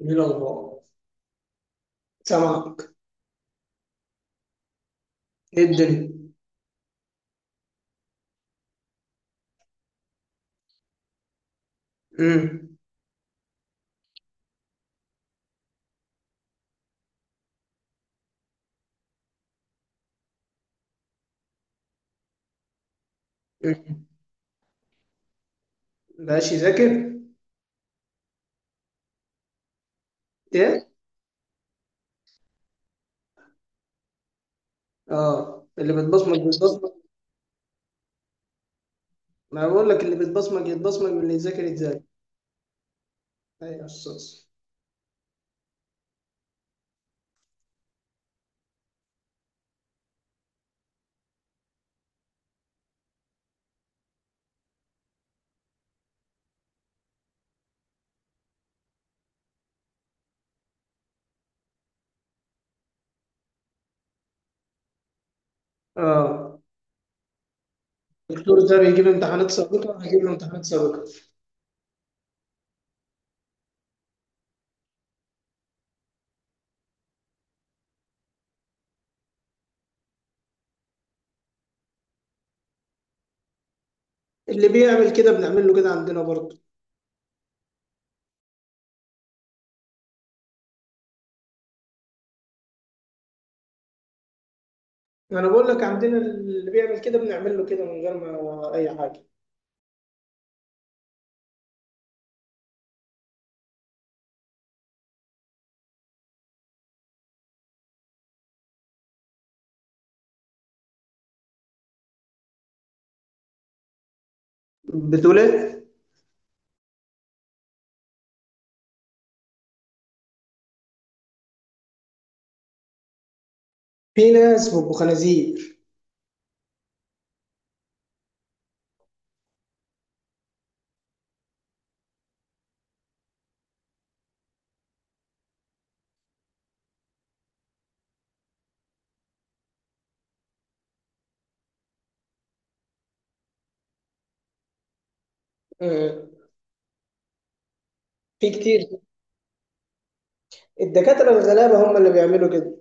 ايه الاخبار؟ سامعك. ايه الدنيا؟ امم. مبقاش يذاكر. ايه؟ اه، اللي بتبصمج بتبصمج. ما بقول لك، اللي بتبصمج يتبصمج واللي يذاكر يتذاكر. ايوه يا استاذ. اه، الدكتور ده بيجيب امتحانات سابقه، هجيب له امتحانات سابقه. اللي بيعمل كده بنعمل له كده عندنا برضه. انا بقول لك عندنا اللي بيعمل كده بنعمل له كده من غير ما اي حاجه. بتقول ايه؟ في ناس بيبقوا خنازير. آه. في كتير. الدكاتره الغلابه هم اللي بيعملوا كده.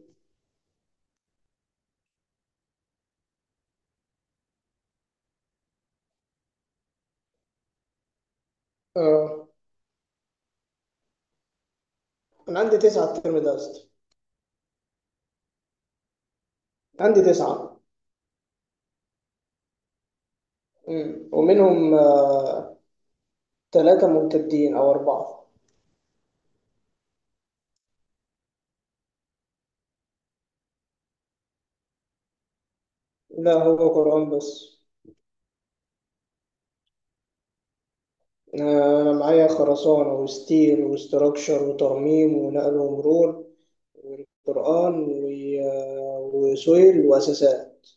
اه، أنا عندي تسعة الترم ده يا اسطى. عندي تسعة. ومنهم ثلاثة ممتدين أو أربعة. لا، هو قرآن بس. أنا معايا خرسانة وستيل وستراكشر وترميم ونقل ومرور والقرآن وسويل وأساسات.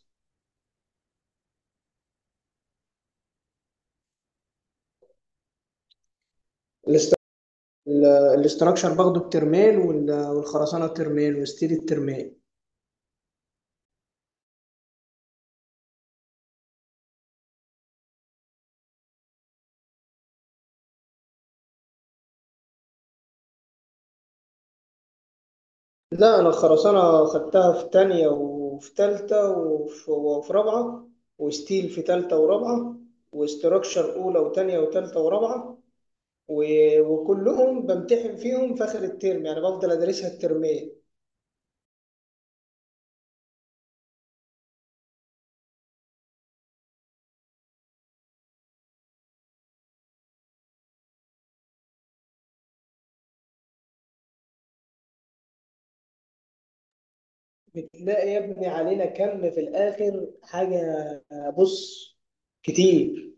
الاست- ال- الاستراكشر باخده بترمين والخرسانة بترمين وستيل الترمين. لا، أنا الخرسانة خدتها في تانية وفي تالتة وفي رابعة، وستيل في تالتة ورابعة، واستراكشر أولى وتانية وتالتة ورابعة، وكلهم بمتحن فيهم في آخر الترم، يعني بفضل أدرسها الترمين. بتلاقي يا ابني علينا كم في الآخر حاجة. بص، كتير.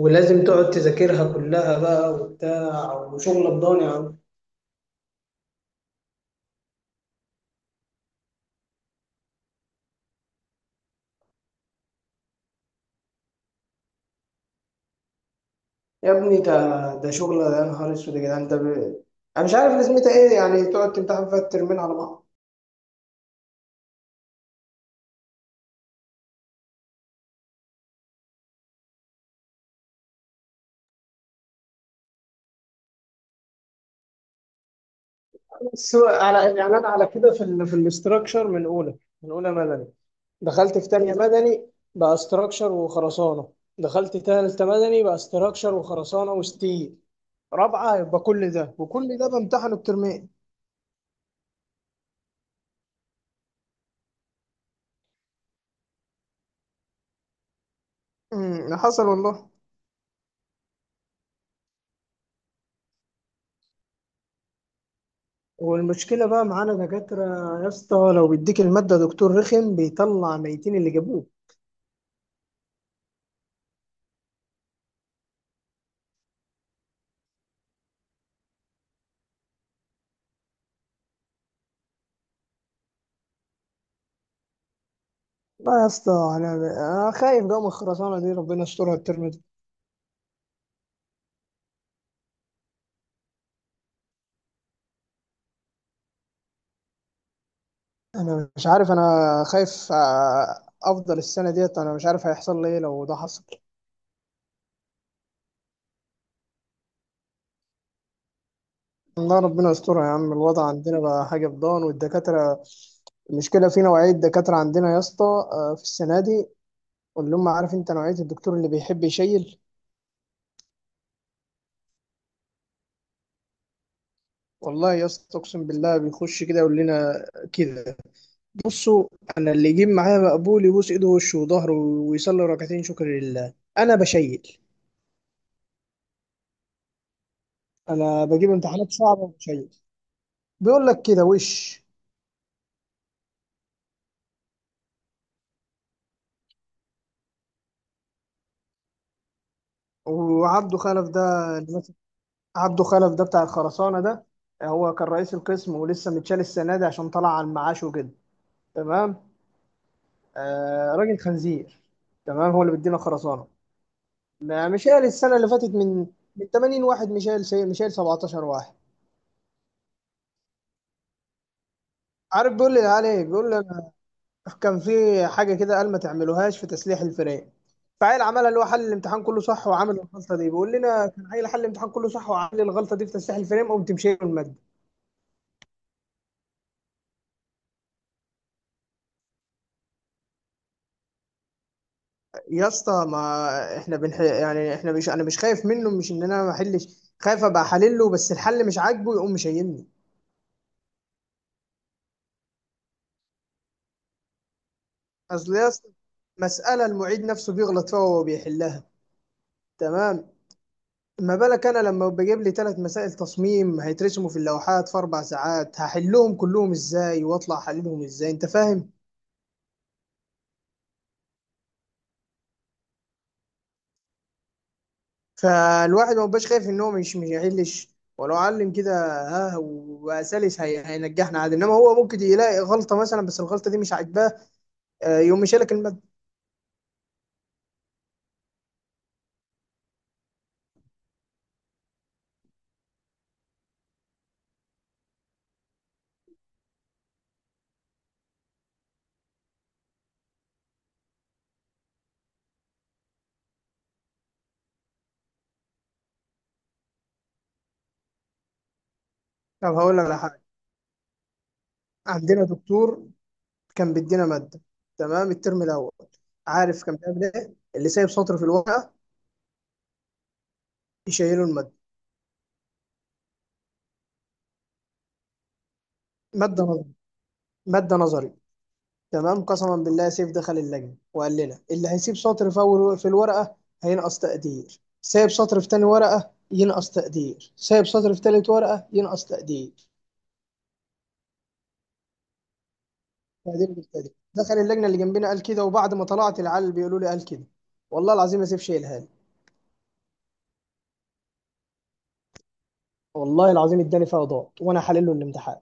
ولازم تقعد تذاكرها كلها بقى وبتاع وشغل الضاني. يا ابني ده شغل، ده يا نهار اسود يا جدعان، انا مش عارف لازمتها ايه، يعني تقعد تمتحن فيها الترمين على بعض. بس هو على يعني انا على كده في الاستراكشر من اولى، مدني، دخلت في تانية مدني بقى استراكشر وخرسانة، دخلت تالتة مدني بقى استراكشر وخرسانة وستيل، رابعة يبقى كل ده، وكل ده بامتحن الترمين. حصل والله. والمشكلة بقى معانا دكاترة يا اسطى، لو بيديك المادة دكتور رخم بيطلع ميتين اللي جابوه. لا يا اسطى، انا خايف جو من الخرسانه دي، ربنا يسترها الترم ده. انا مش عارف، انا خايف، افضل السنه ديت، انا مش عارف هيحصل لي ايه لو ده حصل. الله، ربنا يسترها يا عم. الوضع عندنا بقى حاجه فضان، والدكاتره، المشكله في نوعيه دكاتره عندنا يا اسطى، في السنه دي اللي هم عارف انت نوعيه الدكتور اللي بيحب يشيل. والله يا اسطى، اقسم بالله، بيخش كده يقول لنا كده. بصوا، انا اللي يجيب معايا مقبول يبوس ايده ووشه وظهره ويصلي ركعتين شكر لله، انا بشيل. انا بجيب امتحانات صعبه وشيء. بيقول لك كده وش. وعبده خلف ده اللي ماسك- عبده خلف ده بتاع الخرسانه ده، هو كان رئيس القسم ولسه متشال السنه دي عشان طلع على المعاش وكده. تمام. آه، راجل خنزير. تمام، هو اللي بيدينا خرسانه. مشال السنه اللي فاتت من 80 واحد، مشال شيء، مشال 17 واحد. عارف بيقول لي عليه، بيقول لي كان في حاجة كده، قال ما تعملوهاش في تسليح الفراخ، فعيل عملها، اللي هو حل الامتحان كله صح وعمل الغلطة دي، بيقول لنا كان عيل حل الامتحان كله صح وعمل الغلطة دي في تسليح الفريم، قمت مشيله المادة. يا اسطى، ما احنا بنح... يعني احنا مش، انا مش خايف منه، مش ان انا ما احلش، خايف ابقى حلله بس الحل مش عاجبه يقوم مشيلني. اصل يا اسطى، مسألة المعيد نفسه بيغلط فيها وهو بيحلها. تمام، ما بالك انا لما بجيب لي ثلاث مسائل تصميم هيترسموا في اللوحات في 4 ساعات، هحلهم كلهم ازاي واطلع احللهم ازاي؟ انت فاهم. فالواحد ما بقاش خايف ان هو مش هيحلش ولو علم كده. ها، وسلس هي هينجحنا عادي، انما هو ممكن يلاقي غلطه مثلا بس الغلطه دي مش عاجباه، يقوم شايلك الماده. طب هقول لك على حاجه. عندنا دكتور كان بيدينا ماده تمام الترم الاول. عارف كان بيعمل ايه؟ اللي سايب سطر في الورقه يشيله الماده. ماده نظري، ماده نظري، تمام. قسما بالله سيف دخل اللجنة وقال لنا اللي هيسيب سطر في أول في الورقة هينقص تقدير، سايب سطر في تاني ورقة ينقص تقدير، سايب سطر في تالت ورقة ينقص تقدير، تقدير بالتقدير. دخل اللجنة اللي جنبنا قال كده، وبعد ما طلعت العيال بيقولوا لي قال كده. والله العظيم ما سيف شايلها لي. والله العظيم اداني فيها ضغط وانا حلله الامتحان.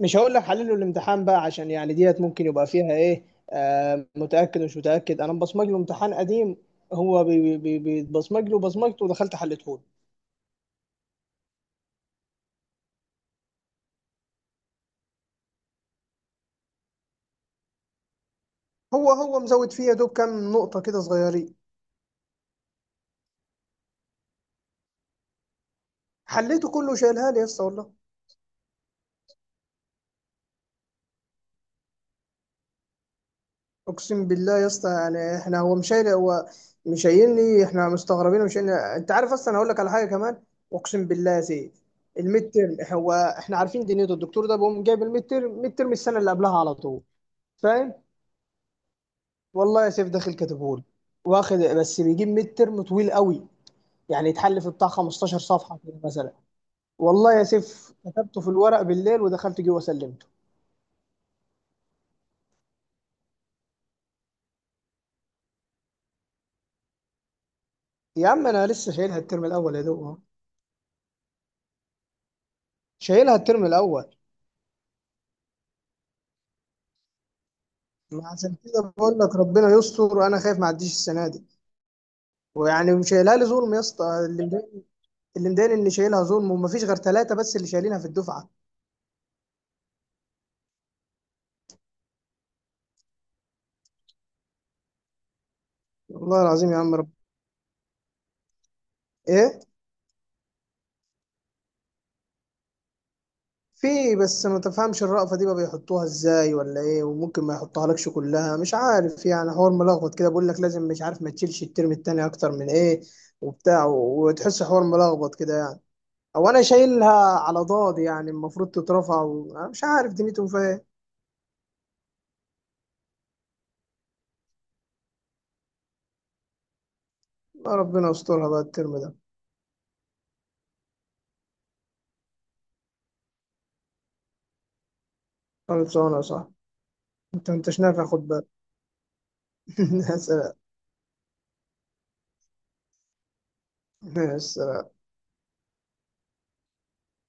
مش هقول لك حلله الامتحان بقى عشان يعني ديت ممكن يبقى فيها ايه، آه متأكد ومش متأكد، انا مبصمج له امتحان قديم. هو بيتبصمج له بصمجته ودخلت حلته. هو مزود فيها دوب كام نقطة كده صغيرين. حليته كله، شايلها لي يا اسطى والله. اقسم بالله يا اسطى، يعني احنا هو مش شايل، هو مش شايلني، احنا مستغربين ومش شايلني. انت عارف اصلا، انا هقول لك على حاجة كمان. اقسم بالله يا سيد. الميد تيرم، هو احنا عارفين دنيته الدكتور ده بيقوم جايب الميد تيرم، ميد تيرم السنة اللي قبلها على طول. فاهم. والله يا سيف داخل كاتبهولي واخد، بس بيجيب ميد تيرم طويل قوي، يعني يتحل في بتاع 15 صفحة كده مثلا. والله يا سيف كتبته في الورق بالليل ودخلت جوه سلمته. يا عم انا لسه شايلها الترم الاول يا دوب أهو. شايلها الترم الاول. ما عشان كده بقول لك ربنا يستر وانا خايف ما اعديش السنه دي. ويعني شايلها لي ظلم يا اسطى، اللي مضايقني ان شايلها ظلم وما فيش غير ثلاثه بس اللي شايلينها في الدفعه. والله العظيم يا عم رب. ايه؟ في، بس ما تفهمش الرأفة دي بقى بيحطوها ازاي ولا ايه، وممكن ما يحطها لكش كلها، مش عارف يعني حوار ملخبط كده، بقول لك لازم، مش عارف، ما تشيلش الترم التاني اكتر من ايه، وبتاع، وتحس حوار ملخبط كده يعني، او انا شايلها على ضاد، يعني المفروض تترفع أنا مش عارف دنيتهم فيها ايه. لا، ربنا يسترها بقى الترم ده. خالد صانع صح؟ انت انتش نافع خد بالك. يا سلام. يا سلام.